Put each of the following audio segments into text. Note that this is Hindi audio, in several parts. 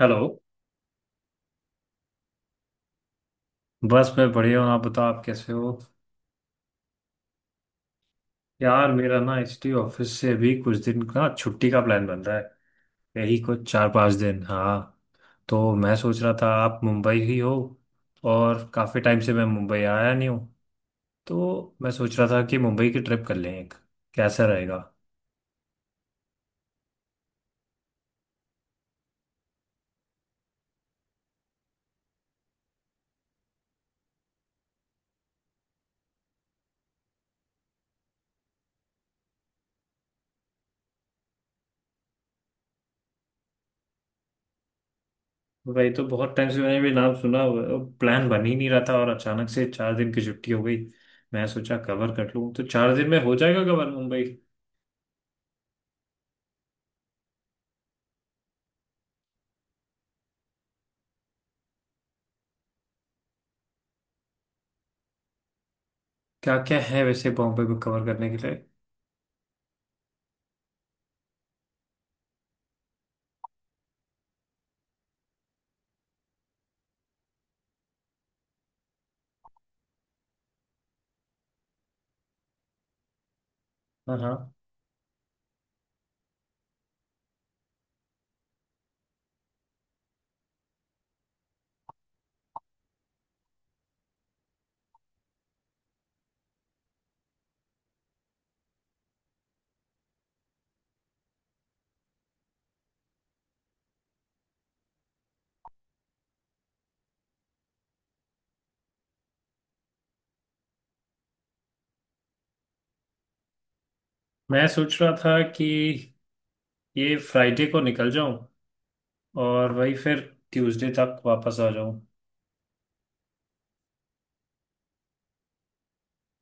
हेलो। बस मैं बढ़िया हूँ, आप बताओ आप कैसे हो? यार मेरा ना एचटी ऑफिस से अभी कुछ दिन का छुट्टी का प्लान बन रहा है। यही कुछ 4-5 दिन। हाँ, तो मैं सोच रहा था आप मुंबई ही हो। और काफ़ी टाइम से मैं मुंबई आया नहीं हूँ, तो मैं सोच रहा था कि मुंबई की ट्रिप कर लें एक। कैसा रहेगा? वही तो बहुत टाइम से मैंने भी नाम सुना, प्लान बन ही नहीं रहा था, और अचानक से 4 दिन की छुट्टी हो गई। मैं सोचा कवर कर लूँ, तो 4 दिन में हो जाएगा कवर मुंबई। क्या क्या है वैसे बॉम्बे को कवर करने के लिए? हाँ हाँ। मैं सोच रहा था कि ये फ्राइडे को निकल जाऊं और वही फिर ट्यूसडे तक वापस आ जाऊं।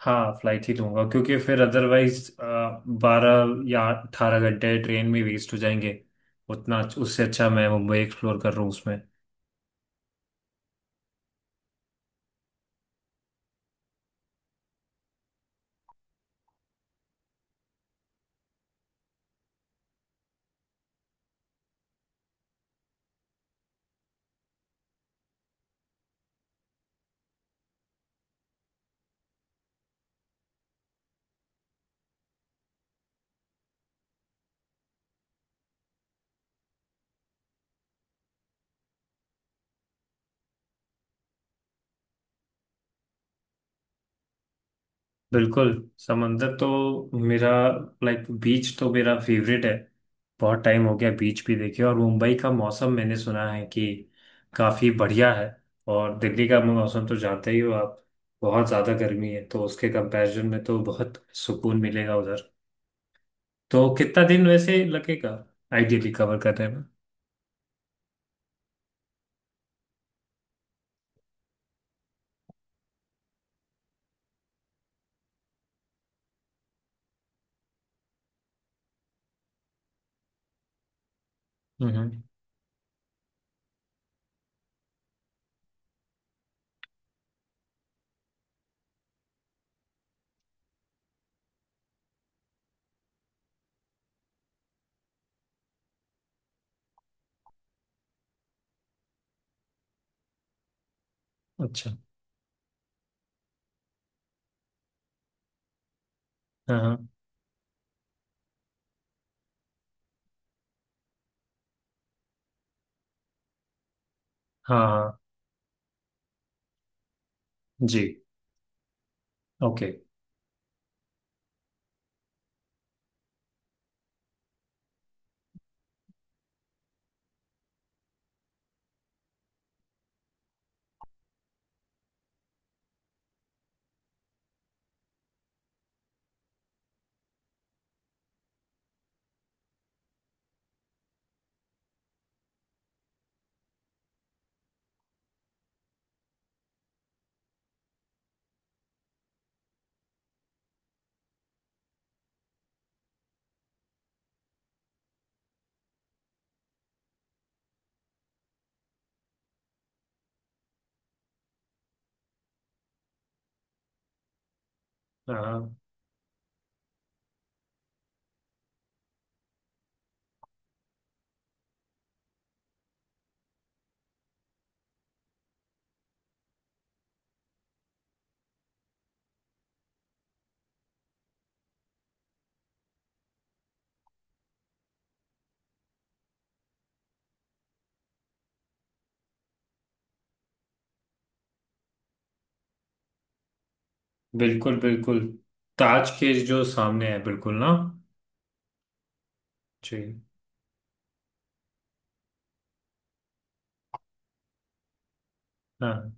हाँ, फ्लाइट ही लूंगा क्योंकि फिर अदरवाइज 12 या 18 घंटे ट्रेन में वेस्ट हो जाएंगे। उतना उससे अच्छा मैं मुंबई एक्सप्लोर कर रहा हूँ उसमें। बिल्कुल। समंदर तो मेरा। लाइक बीच तो मेरा फेवरेट है। बहुत टाइम हो गया बीच भी देखे, और मुंबई का मौसम मैंने सुना है कि काफ़ी बढ़िया है। और दिल्ली का मौसम तो जानते ही हो आप, बहुत ज़्यादा गर्मी है, तो उसके कंपैरिजन में तो बहुत सुकून मिलेगा उधर। तो कितना दिन वैसे लगेगा आइडियली कवर करने में? हम्म। अच्छा। हाँ हाँ। हाँ हाँ, जी। ओके। हाँ, बिल्कुल बिल्कुल, ताज के जो सामने है बिल्कुल ना। जी। हाँ।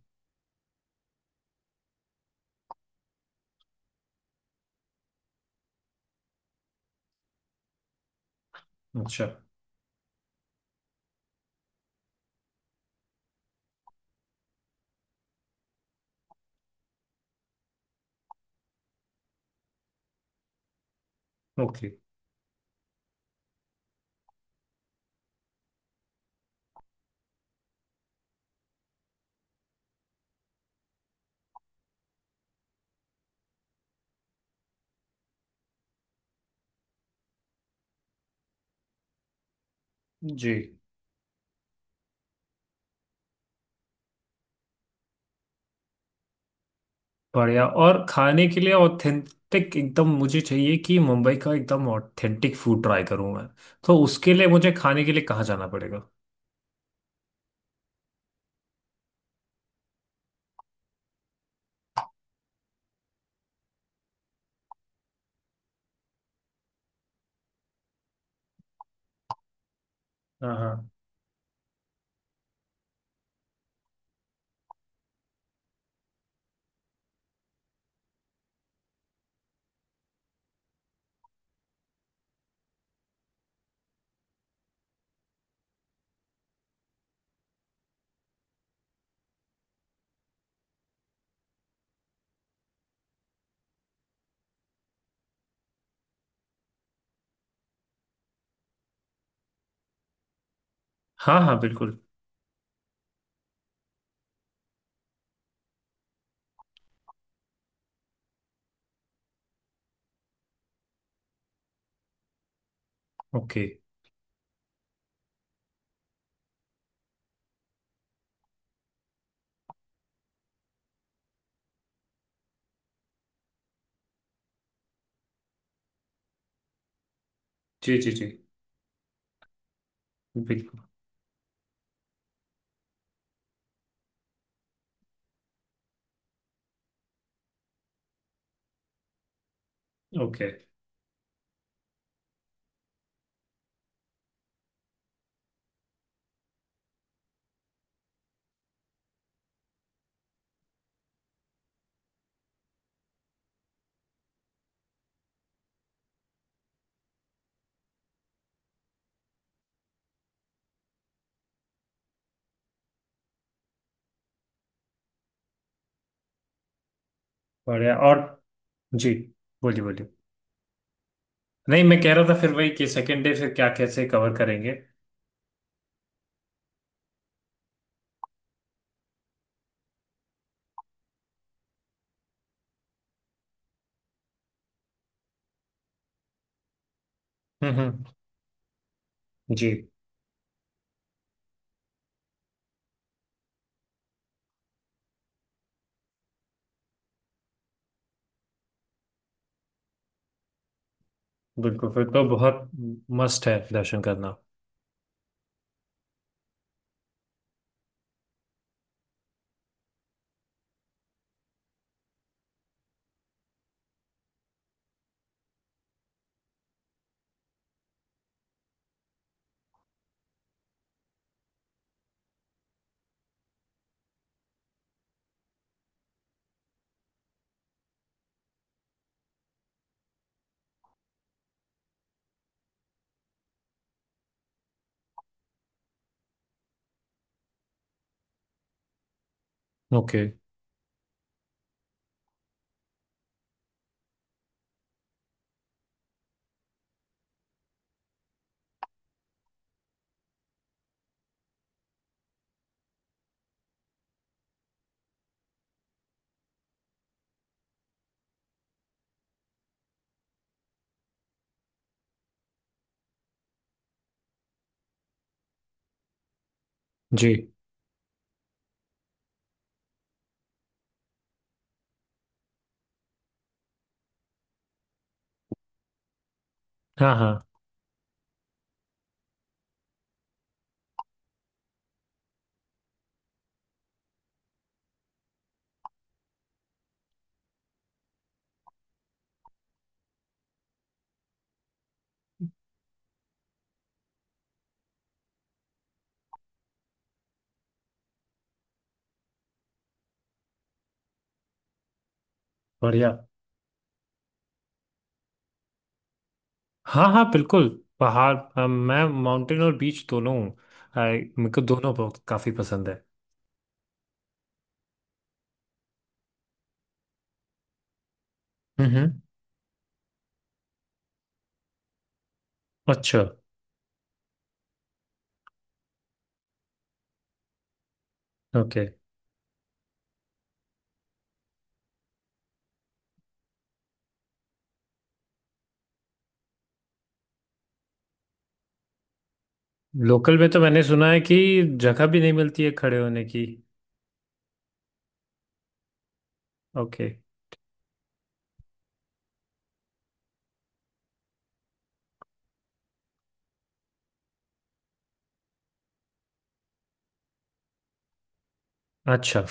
अच्छा। ओके। जी। बढ़िया। और खाने के लिए ऑथेंटिक एकदम मुझे चाहिए कि मुंबई का एकदम ऑथेंटिक फूड ट्राई करूँ मैं। तो उसके लिए मुझे खाने के लिए कहाँ जाना पड़ेगा? हाँ हाँ। हाँ हाँ बिल्कुल। ओके। जी जी जी। बिल्कुल। ओके। बढ़िया। और जी, बोलिए बोलिए। नहीं, मैं कह रहा था फिर वही कि सेकेंड डे फिर क्या कैसे कवर करेंगे। हम्म। जी। बिल्कुल, फिर तो बहुत मस्ट है दर्शन करना। ओके। जी। हाँ हाँ। बढ़िया। हाँ हाँ बिल्कुल। पहाड़, मैं माउंटेन और बीच दोनों हूँ। मेरे को दोनों बहुत काफ़ी पसंद है। हम्म। अच्छा। ओके। लोकल में तो मैंने सुना है कि जगह भी नहीं मिलती है खड़े होने की। ओके। अच्छा।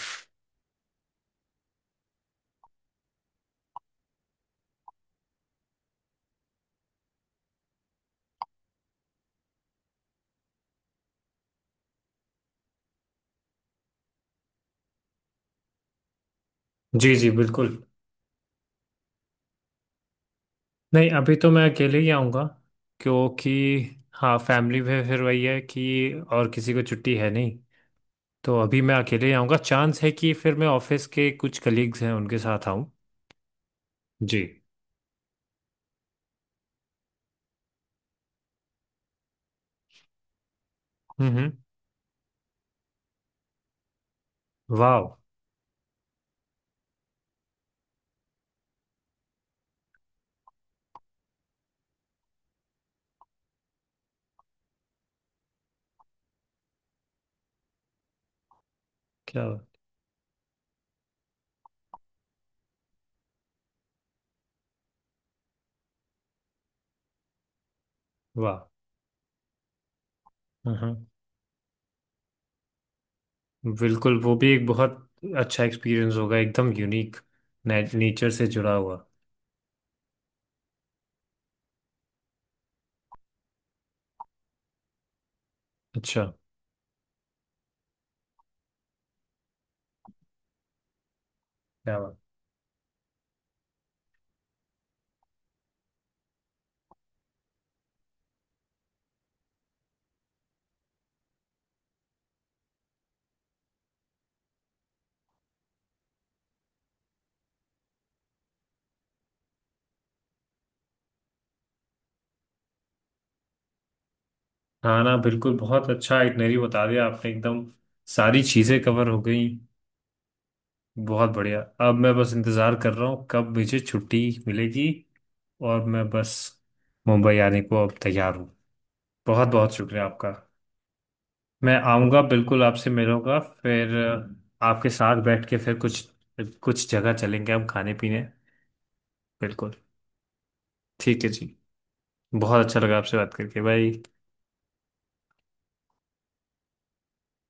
जी जी बिल्कुल। नहीं, अभी तो मैं अकेले ही आऊँगा क्योंकि, हाँ, फैमिली में फिर वही है कि और किसी को छुट्टी है नहीं। तो अभी मैं अकेले ही आऊँगा, चांस है कि फिर मैं ऑफिस के कुछ कलीग्स हैं उनके साथ आऊँ। जी। हम्म। वाह। क्या। वाह। हाँ हाँ, बिल्कुल वो भी एक बहुत अच्छा एक्सपीरियंस होगा एकदम यूनिक, नेचर से जुड़ा हुआ। अच्छा। क्या बात। हाँ ना, बिल्कुल बहुत अच्छा इटनरी बता दिया आपने एकदम, सारी चीज़ें कवर हो गई। बहुत बढ़िया। अब मैं बस इंतज़ार कर रहा हूँ कब मुझे छुट्टी मिलेगी, और मैं बस मुंबई आने को अब तैयार हूँ। बहुत बहुत शुक्रिया आपका। मैं आऊँगा बिल्कुल, आपसे मिलूंगा फिर, आपके साथ बैठ के फिर कुछ कुछ जगह चलेंगे हम खाने पीने। बिल्कुल। ठीक है जी। बहुत अच्छा लगा आपसे बात करके भाई।